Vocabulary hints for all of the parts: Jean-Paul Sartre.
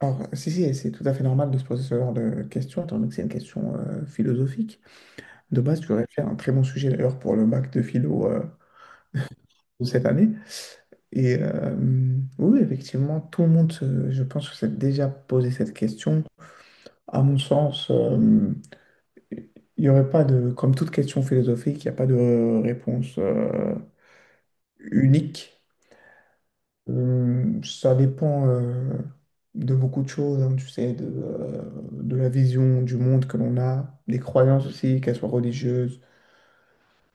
Alors, si, si, c'est tout à fait normal de se poser ce genre de questions, étant donné que c'est une question philosophique. De base, tu aurais fait un très bon sujet d'ailleurs pour le bac de philo de cette année. Oui, effectivement, tout le monde, je pense, que s'est déjà posé cette question. À mon sens, il n'y aurait pas de, comme toute question philosophique, il n'y a pas de réponse unique. Ça dépend de beaucoup de choses, hein, tu sais, de la vision du monde que l'on a, des croyances aussi, qu'elles soient religieuses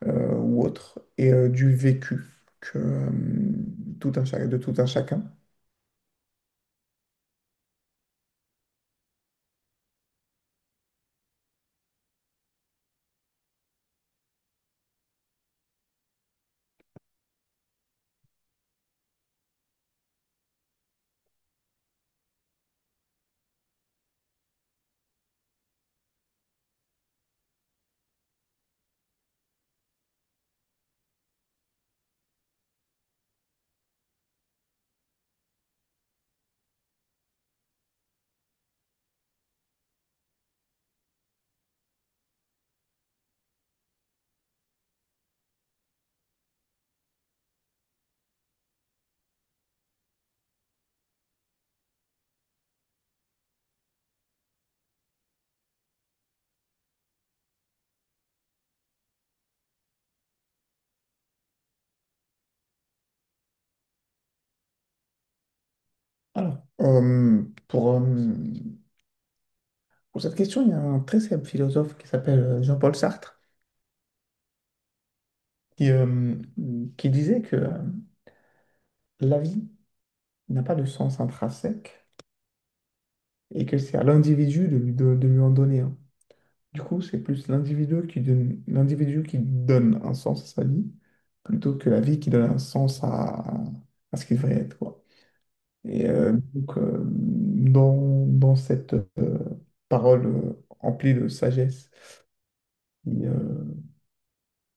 ou autres, et du vécu que, euh, tout un, de tout un chacun. Alors, pour, euh, pour cette question, il y a un très célèbre philosophe qui s'appelle Jean-Paul Sartre, qui, euh, qui disait que la vie n'a pas de sens intrinsèque et que c'est à l'individu de, de lui en donner un. Du coup, c'est plus l'individu qui donne un sens à sa vie, plutôt que la vie qui donne un sens à ce qu'il devrait être, quoi. Dans, dans cette parole emplie de sagesse qui,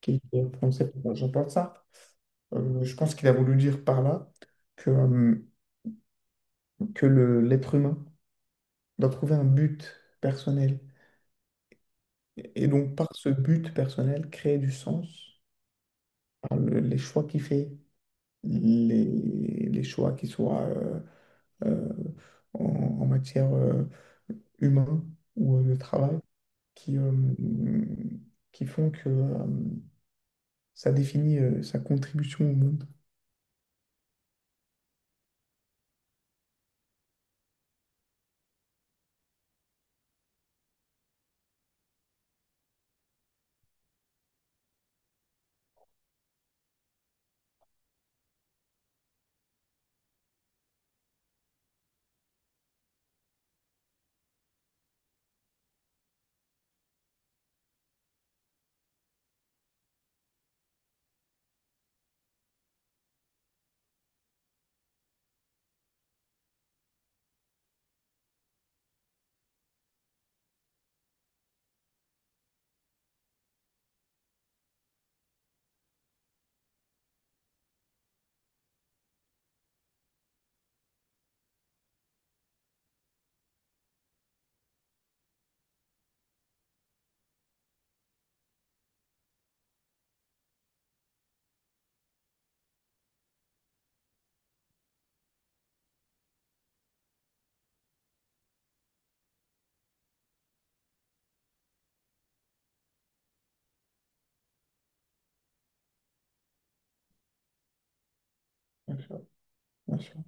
qui est prononcée par Jean-Paul Sartre, je pense qu'il a voulu dire par là que, euh, que le, l'être humain doit trouver un but personnel. Et donc, par ce but personnel, créer du sens par les choix qu'il fait les, les choix qui soient euh, en, en matière humain ou de travail qui, euh, qui font que ça définit sa contribution au monde. Bien sûr, bien sûr.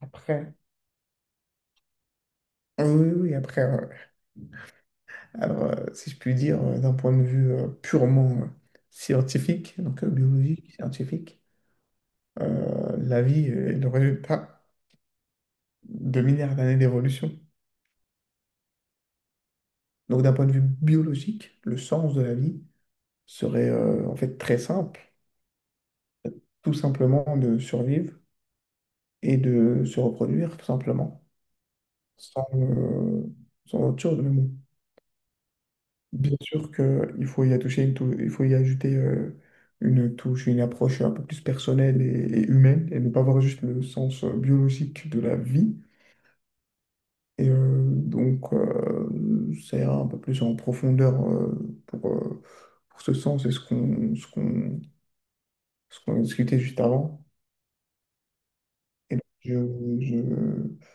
Après, oui, oui, oui, après, alors, si je puis dire, d'un point de vue purement scientifique, donc biologique, scientifique, la vie est le résultat de milliards d'années d'évolution. Donc, d'un point de vue biologique, le sens de la vie, serait en fait très simple, tout simplement de survivre et de se reproduire, tout simplement, sans, euh, sans autre chose. Mais bon, bien sûr qu'il faut y attacher une il faut y ajouter une touche, une approche un peu plus personnelle et humaine, et ne pas voir juste le sens biologique de la vie. Ça ira un peu plus en profondeur pour ce sens et ce qu'on discutait juste avant. Et donc, je,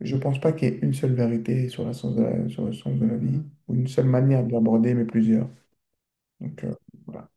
je pense pas qu'il y ait une seule vérité sur la sens de la, sur le sens de la vie, Mhm. ou une seule manière de l'aborder, mais plusieurs. Donc, voilà.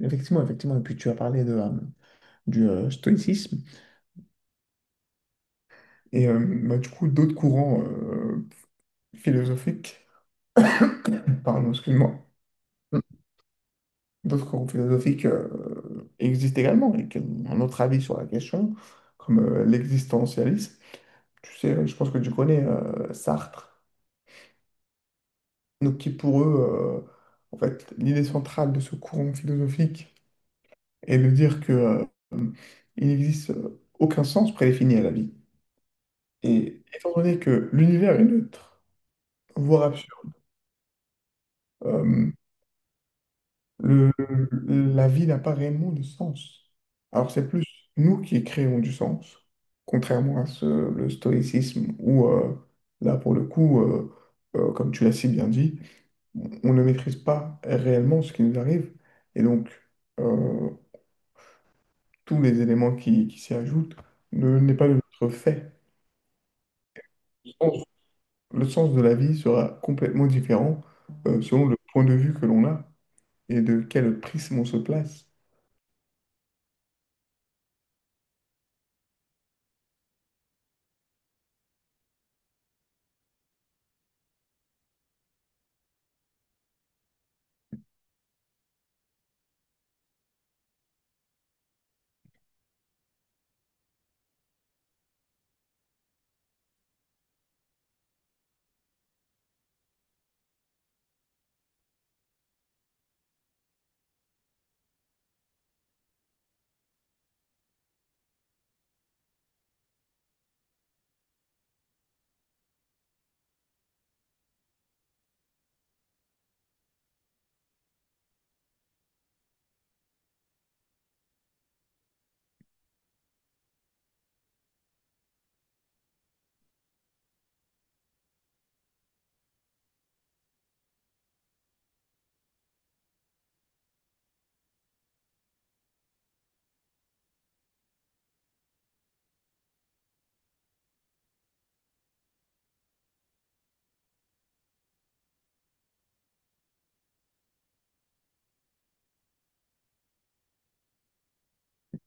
Effectivement, effectivement. Et puis, tu as parlé du stoïcisme. Et euh, Bah, du coup, d'autres courants philosophiques, pardon, excuse-moi, d'autres courants philosophiques existent également et qui ont un autre avis sur la question, comme l'existentialisme. Tu sais, je pense que tu connais Sartre. Donc, qui pour eux, en fait, l'idée centrale de ce courant philosophique est de dire que il n'existe aucun sens prédéfini à la vie. Et étant donné que l'univers est neutre, voire absurde, euh, le- la vie n'a pas réellement de sens. Alors c'est plus nous qui créons du sens, contrairement à ce, le stoïcisme où là pour le coup, comme tu l'as si bien dit, on ne maîtrise pas réellement ce qui nous arrive et donc euh, tous les éléments qui s'y ajoutent ne n'est pas de notre fait. Le sens le sens de la vie sera complètement différent selon le point de vue que l'on a et de quel prisme on se place.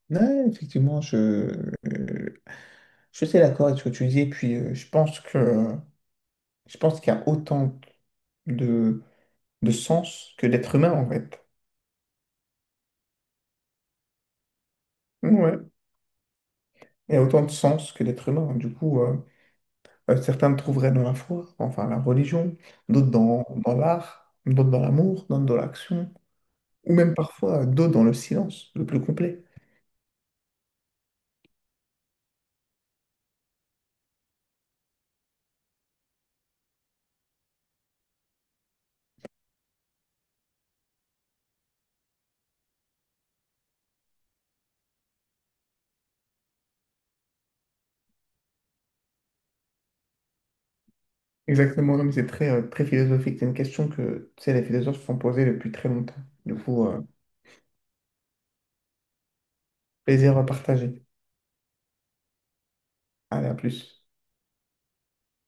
Ouais, effectivement, je suis assez d'accord avec ce que tu dis, et puis je pense que je pense qu'il y a autant de, de sens que d'êtres humains en fait. Ouais. Il y a autant de sens que d'êtres humains. Du coup, certains le trouveraient dans la foi, enfin la religion, d'autres dans, dans l'art, d'autres dans l'amour, d'autres dans l'action, ou même parfois d'autres dans le silence, le plus complet. Exactement, non, mais c'est très, très philosophique. C'est une question que tu sais, les philosophes se sont posées depuis très longtemps. Du coup, plaisir à partager. Allez, à plus.